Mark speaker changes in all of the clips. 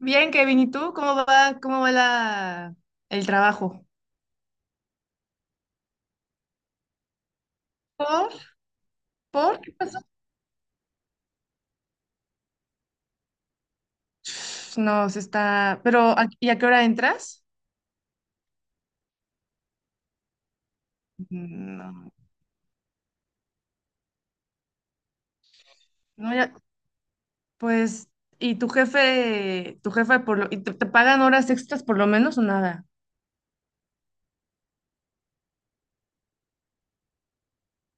Speaker 1: Bien, Kevin, ¿y tú? Cómo va el trabajo? ¿Por? ¿Por? ¿Qué pasó? No, pero, ¿y a qué hora entras? No, no, ya, pues, ¿y tu jefe y te pagan horas extras por lo menos o nada?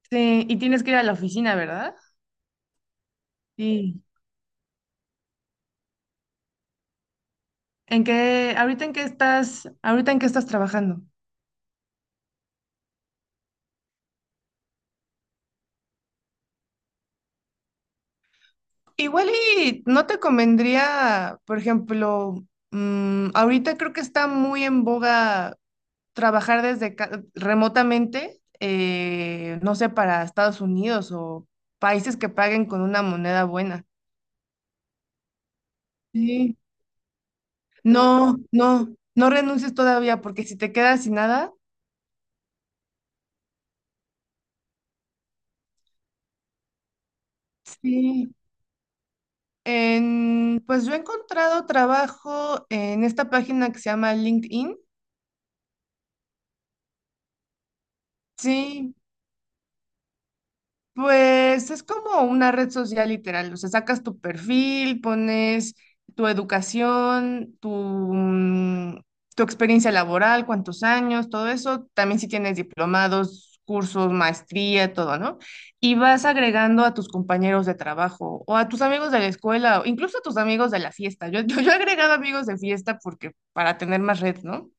Speaker 1: Sí, y tienes que ir a la oficina, ¿verdad? Sí. ¿En qué, ahorita en qué estás, ahorita en qué estás trabajando? Igual y no te convendría, por ejemplo, ahorita creo que está muy en boga trabajar desde remotamente, no sé, para Estados Unidos o países que paguen con una moneda buena. Sí. No, no, no renuncies todavía porque si te quedas sin nada, sí. Pues yo he encontrado trabajo en esta página que se llama LinkedIn. Sí, pues es como una red social literal, o sea, sacas tu perfil, pones tu educación, mm, tu experiencia laboral, cuántos años, todo eso, también si tienes diplomados, cursos, maestría, todo, ¿no? Y vas agregando a tus compañeros de trabajo o a tus amigos de la escuela, o incluso a tus amigos de la fiesta. Yo, yo he agregado amigos de fiesta porque para tener más red, ¿no?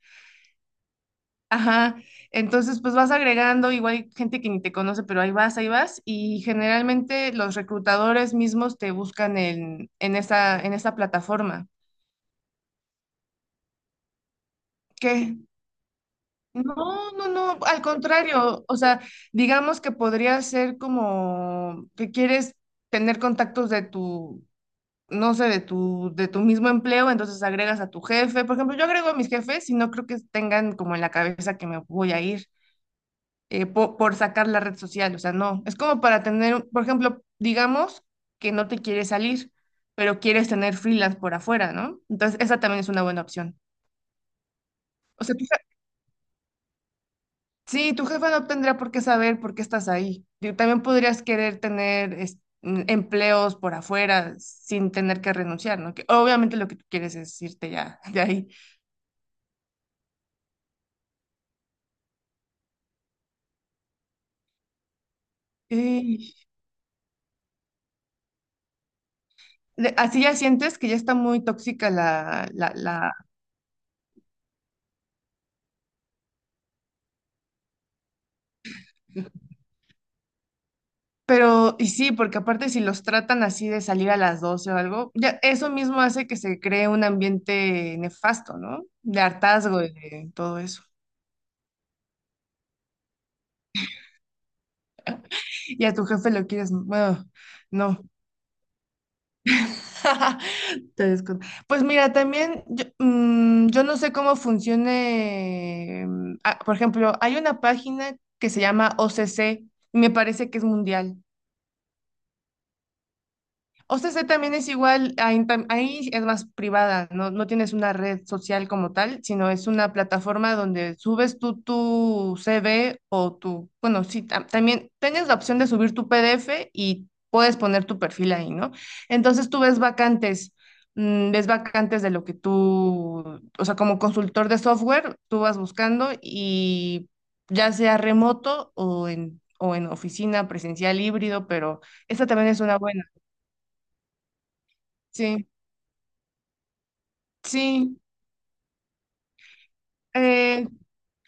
Speaker 1: Ajá, entonces pues vas agregando, igual hay gente que ni te conoce, pero ahí vas, y generalmente los reclutadores mismos te buscan en esa plataforma. ¿Qué? No, no, no, al contrario, o sea, digamos que podría ser como que quieres tener contactos de tu, no sé, de tu mismo empleo, entonces agregas a tu jefe. Por ejemplo, yo agrego a mis jefes y no creo que tengan como en la cabeza que me voy a ir. Por, sacar la red social, o sea, no, es como para tener, por ejemplo, digamos que no te quieres salir, pero quieres tener freelance por afuera, ¿no? Entonces, esa también es una buena opción. O sea, sí, tu jefa no tendrá por qué saber por qué estás ahí. Digo, también podrías querer tener empleos por afuera sin tener que renunciar, ¿no? Que obviamente lo que tú quieres es irte ya de ahí. Y así ya sientes que ya está muy tóxica la. Pero, y sí, porque aparte si los tratan así de salir a las 12 o algo, ya eso mismo hace que se cree un ambiente nefasto, ¿no? De hartazgo y de todo eso. Y a tu jefe lo quieres, bueno, no. Te descon- Pues mira, también yo, yo no sé cómo funcione, por ejemplo, hay una página que se llama OCC, y me parece que es mundial. O sea, ese también es igual, ahí, ahí es más privada, ¿no? No tienes una red social como tal, sino es una plataforma donde subes tú tu CV o tu, bueno, sí, también tienes la opción de subir tu PDF y puedes poner tu perfil ahí, ¿no? Entonces tú ves vacantes de lo que tú, o sea, como consultor de software, tú vas buscando y ya sea remoto o o en oficina presencial híbrido, pero esa también es una buena, sí. Sí, eh,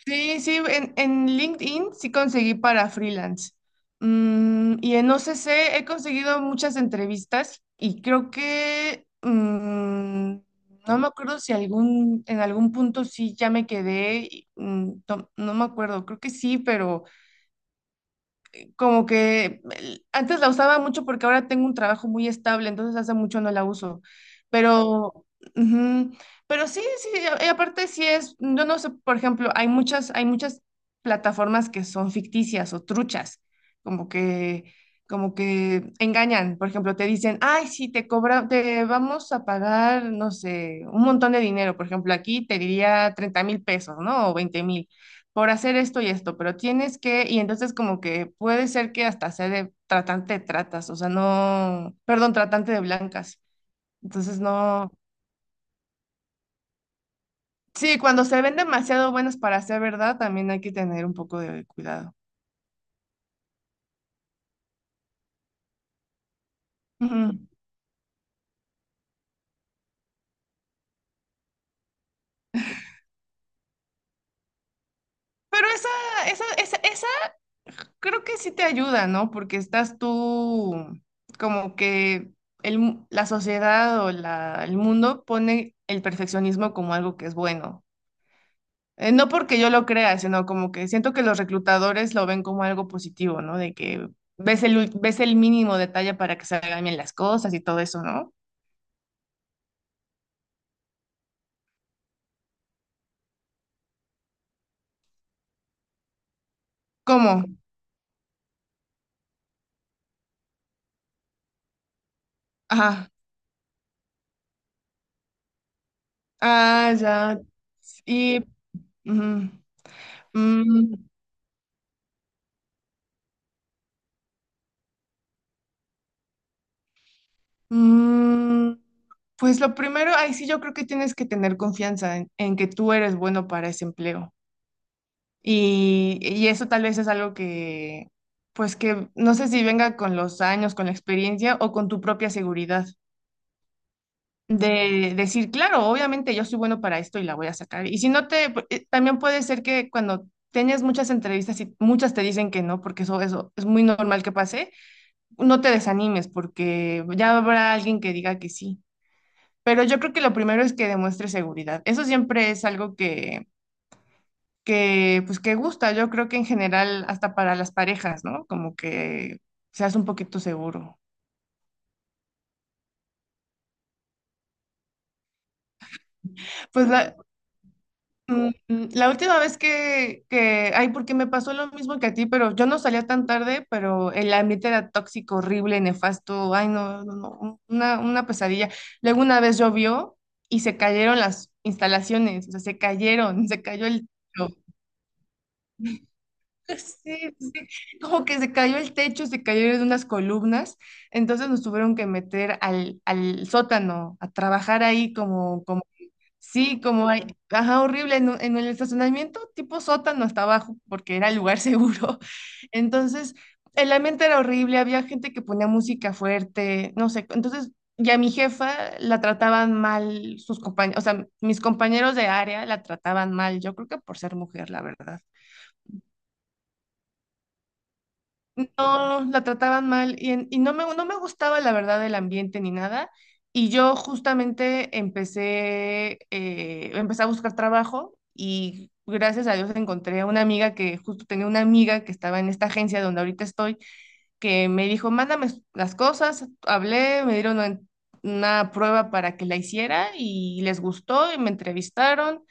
Speaker 1: sí, sí, en LinkedIn sí conseguí para freelance. Y en OCC he conseguido muchas entrevistas y creo que no me acuerdo si en algún punto sí ya me quedé, y, no, no me acuerdo, creo que sí, pero como que antes la usaba mucho porque ahora tengo un trabajo muy estable, entonces hace mucho no la uso. Pero, ujú, pero sí, sí, y aparte sí es, yo no sé, por ejemplo, hay muchas plataformas que son ficticias o truchas, como que, como que engañan. Por ejemplo, te dicen, ay, sí, te cobra, te vamos a pagar, no sé, un montón de dinero. Por ejemplo, aquí te diría 30,000 pesos, ¿no? O 20,000 por hacer esto y esto, pero tienes que, y entonces como que puede ser que hasta sea de tratante de tratas, o sea, no, perdón, tratante de blancas. Entonces no, sí, cuando se ven demasiado buenas para ser verdad, también hay que tener un poco de cuidado. Ujú. Pero esa creo que sí te ayuda, ¿no? Porque estás tú como que la sociedad o el mundo pone el perfeccionismo como algo que es bueno. No porque yo lo crea, sino como que siento que los reclutadores lo ven como algo positivo, ¿no? De que ves el mínimo detalle para que salgan bien las cosas y todo eso, ¿no? ¿Cómo? Ajá. Ah, ya. Y... Ujú. Mm, mm, pues lo primero, ahí sí yo creo que tienes que tener confianza en que tú eres bueno para ese empleo. Y eso tal vez es algo que, pues que no sé si venga con los años, con la experiencia o con tu propia seguridad. De decir, claro, obviamente yo soy bueno para esto y la voy a sacar. Y si no te, también puede ser que cuando tengas muchas entrevistas y muchas te dicen que no, porque eso es muy normal que pase, no te desanimes porque ya habrá alguien que diga que sí. Pero yo creo que lo primero es que demuestres seguridad. Eso siempre es algo que, pues, que gusta. Yo creo que en general, hasta para las parejas, ¿no? Como que seas un poquito seguro. Pues la- La última vez ay, porque me pasó lo mismo que a ti, pero yo no salía tan tarde, pero el ambiente era tóxico, horrible, nefasto, ay, no, no, no, una pesadilla. Luego una vez llovió y se cayeron las instalaciones, o sea, se cayeron, se cayó el techo. Sí, sí, como que se cayó el techo, se cayeron unas columnas, entonces nos tuvieron que meter al sótano a trabajar ahí como, como Sí, como hay, ajá, horrible, en el estacionamiento tipo sótano hasta abajo, porque era el lugar seguro. Entonces, el ambiente era horrible, había gente que ponía música fuerte, no sé. Entonces, ya mi jefa la trataban mal sus compañeros, o sea, mis compañeros de área la trataban mal, yo creo que por ser mujer, la verdad. No, la trataban mal y, y no me, no me gustaba la verdad el ambiente ni nada. Y yo justamente empecé a buscar trabajo y gracias a Dios encontré a una amiga que justo tenía una amiga que estaba en esta agencia donde ahorita estoy, que me dijo, mándame las cosas. Hablé, me dieron una prueba para que la hiciera y les gustó y me entrevistaron.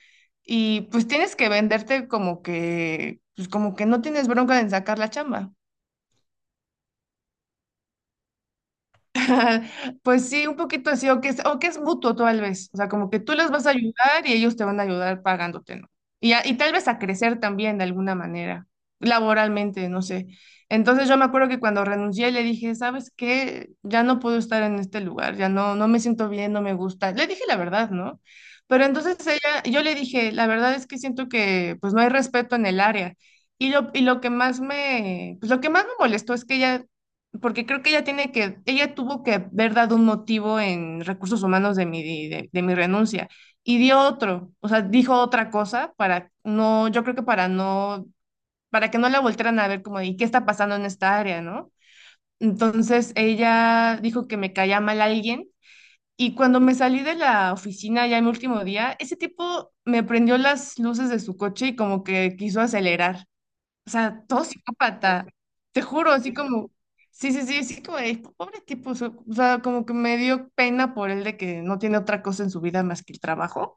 Speaker 1: Y pues tienes que venderte como que, pues como que no tienes bronca en sacar la chamba. Pues sí, un poquito así, o que es mutuo tal vez, o sea, como que tú les vas a ayudar y ellos te van a ayudar pagándote, ¿no? Y y tal vez a crecer también de alguna manera, laboralmente, no sé. Entonces yo me acuerdo que cuando renuncié le dije, ¿sabes qué? Ya no puedo estar en este lugar, ya no, no me siento bien, no me gusta. Le dije la verdad, ¿no? Pero entonces ella, yo le dije, la verdad es que siento que pues no hay respeto en el área. Y lo que más me molestó es que ella porque creo que ella ella tuvo que haber dado un motivo en recursos humanos de de mi renuncia y dio otro, o sea, dijo otra cosa para no, yo creo que para que no la voltearan a ver como, ¿y qué está pasando en esta área, no? Entonces ella dijo que me caía mal alguien y cuando me salí de la oficina ya en mi último día, ese tipo me prendió las luces de su coche y como que quiso acelerar. O sea, todo psicópata. Te juro, así como, sí, sí, sí, sí, pobre tipo, o sea, como que me dio pena por él de que no tiene otra cosa en su vida más que el trabajo,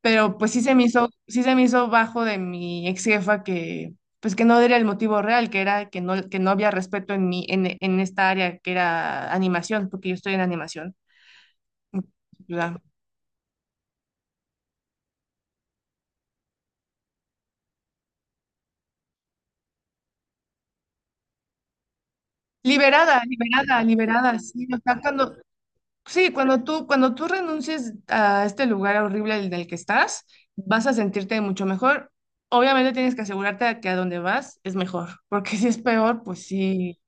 Speaker 1: pero pues sí se me hizo bajo de mi ex jefa que, pues que no era el motivo real, que era que no había respeto en esta área que era animación, porque yo estoy en animación. Ya. Liberada, liberada, liberada, sí, o sea, cuando, sí, cuando tú renuncies a este lugar horrible en el que estás, vas a sentirte mucho mejor. Obviamente tienes que asegurarte de que a donde vas es mejor, porque si es peor, pues sí.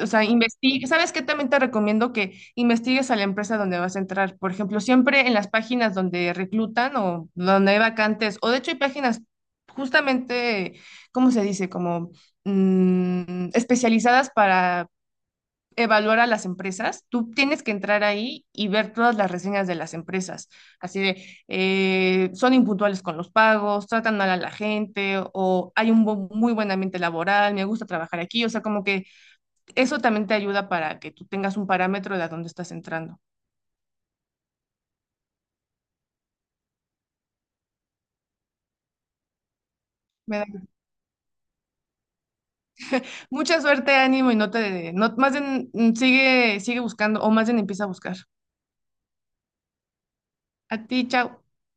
Speaker 1: O sea, investiga. ¿Sabes qué? También te recomiendo que investigues a la empresa donde vas a entrar. Por ejemplo, siempre en las páginas donde reclutan o donde hay vacantes, o de hecho hay páginas justamente, ¿cómo se dice? Como especializadas para evaluar a las empresas, tú tienes que entrar ahí y ver todas las reseñas de las empresas. Así de, son impuntuales con los pagos, tratan mal a la gente o hay muy buen ambiente laboral, me gusta trabajar aquí. O sea, como que eso también te ayuda para que tú tengas un parámetro de a dónde estás entrando. Me da Mucha suerte, ánimo y no, más bien sigue buscando o más bien empieza a buscar. A ti, chao.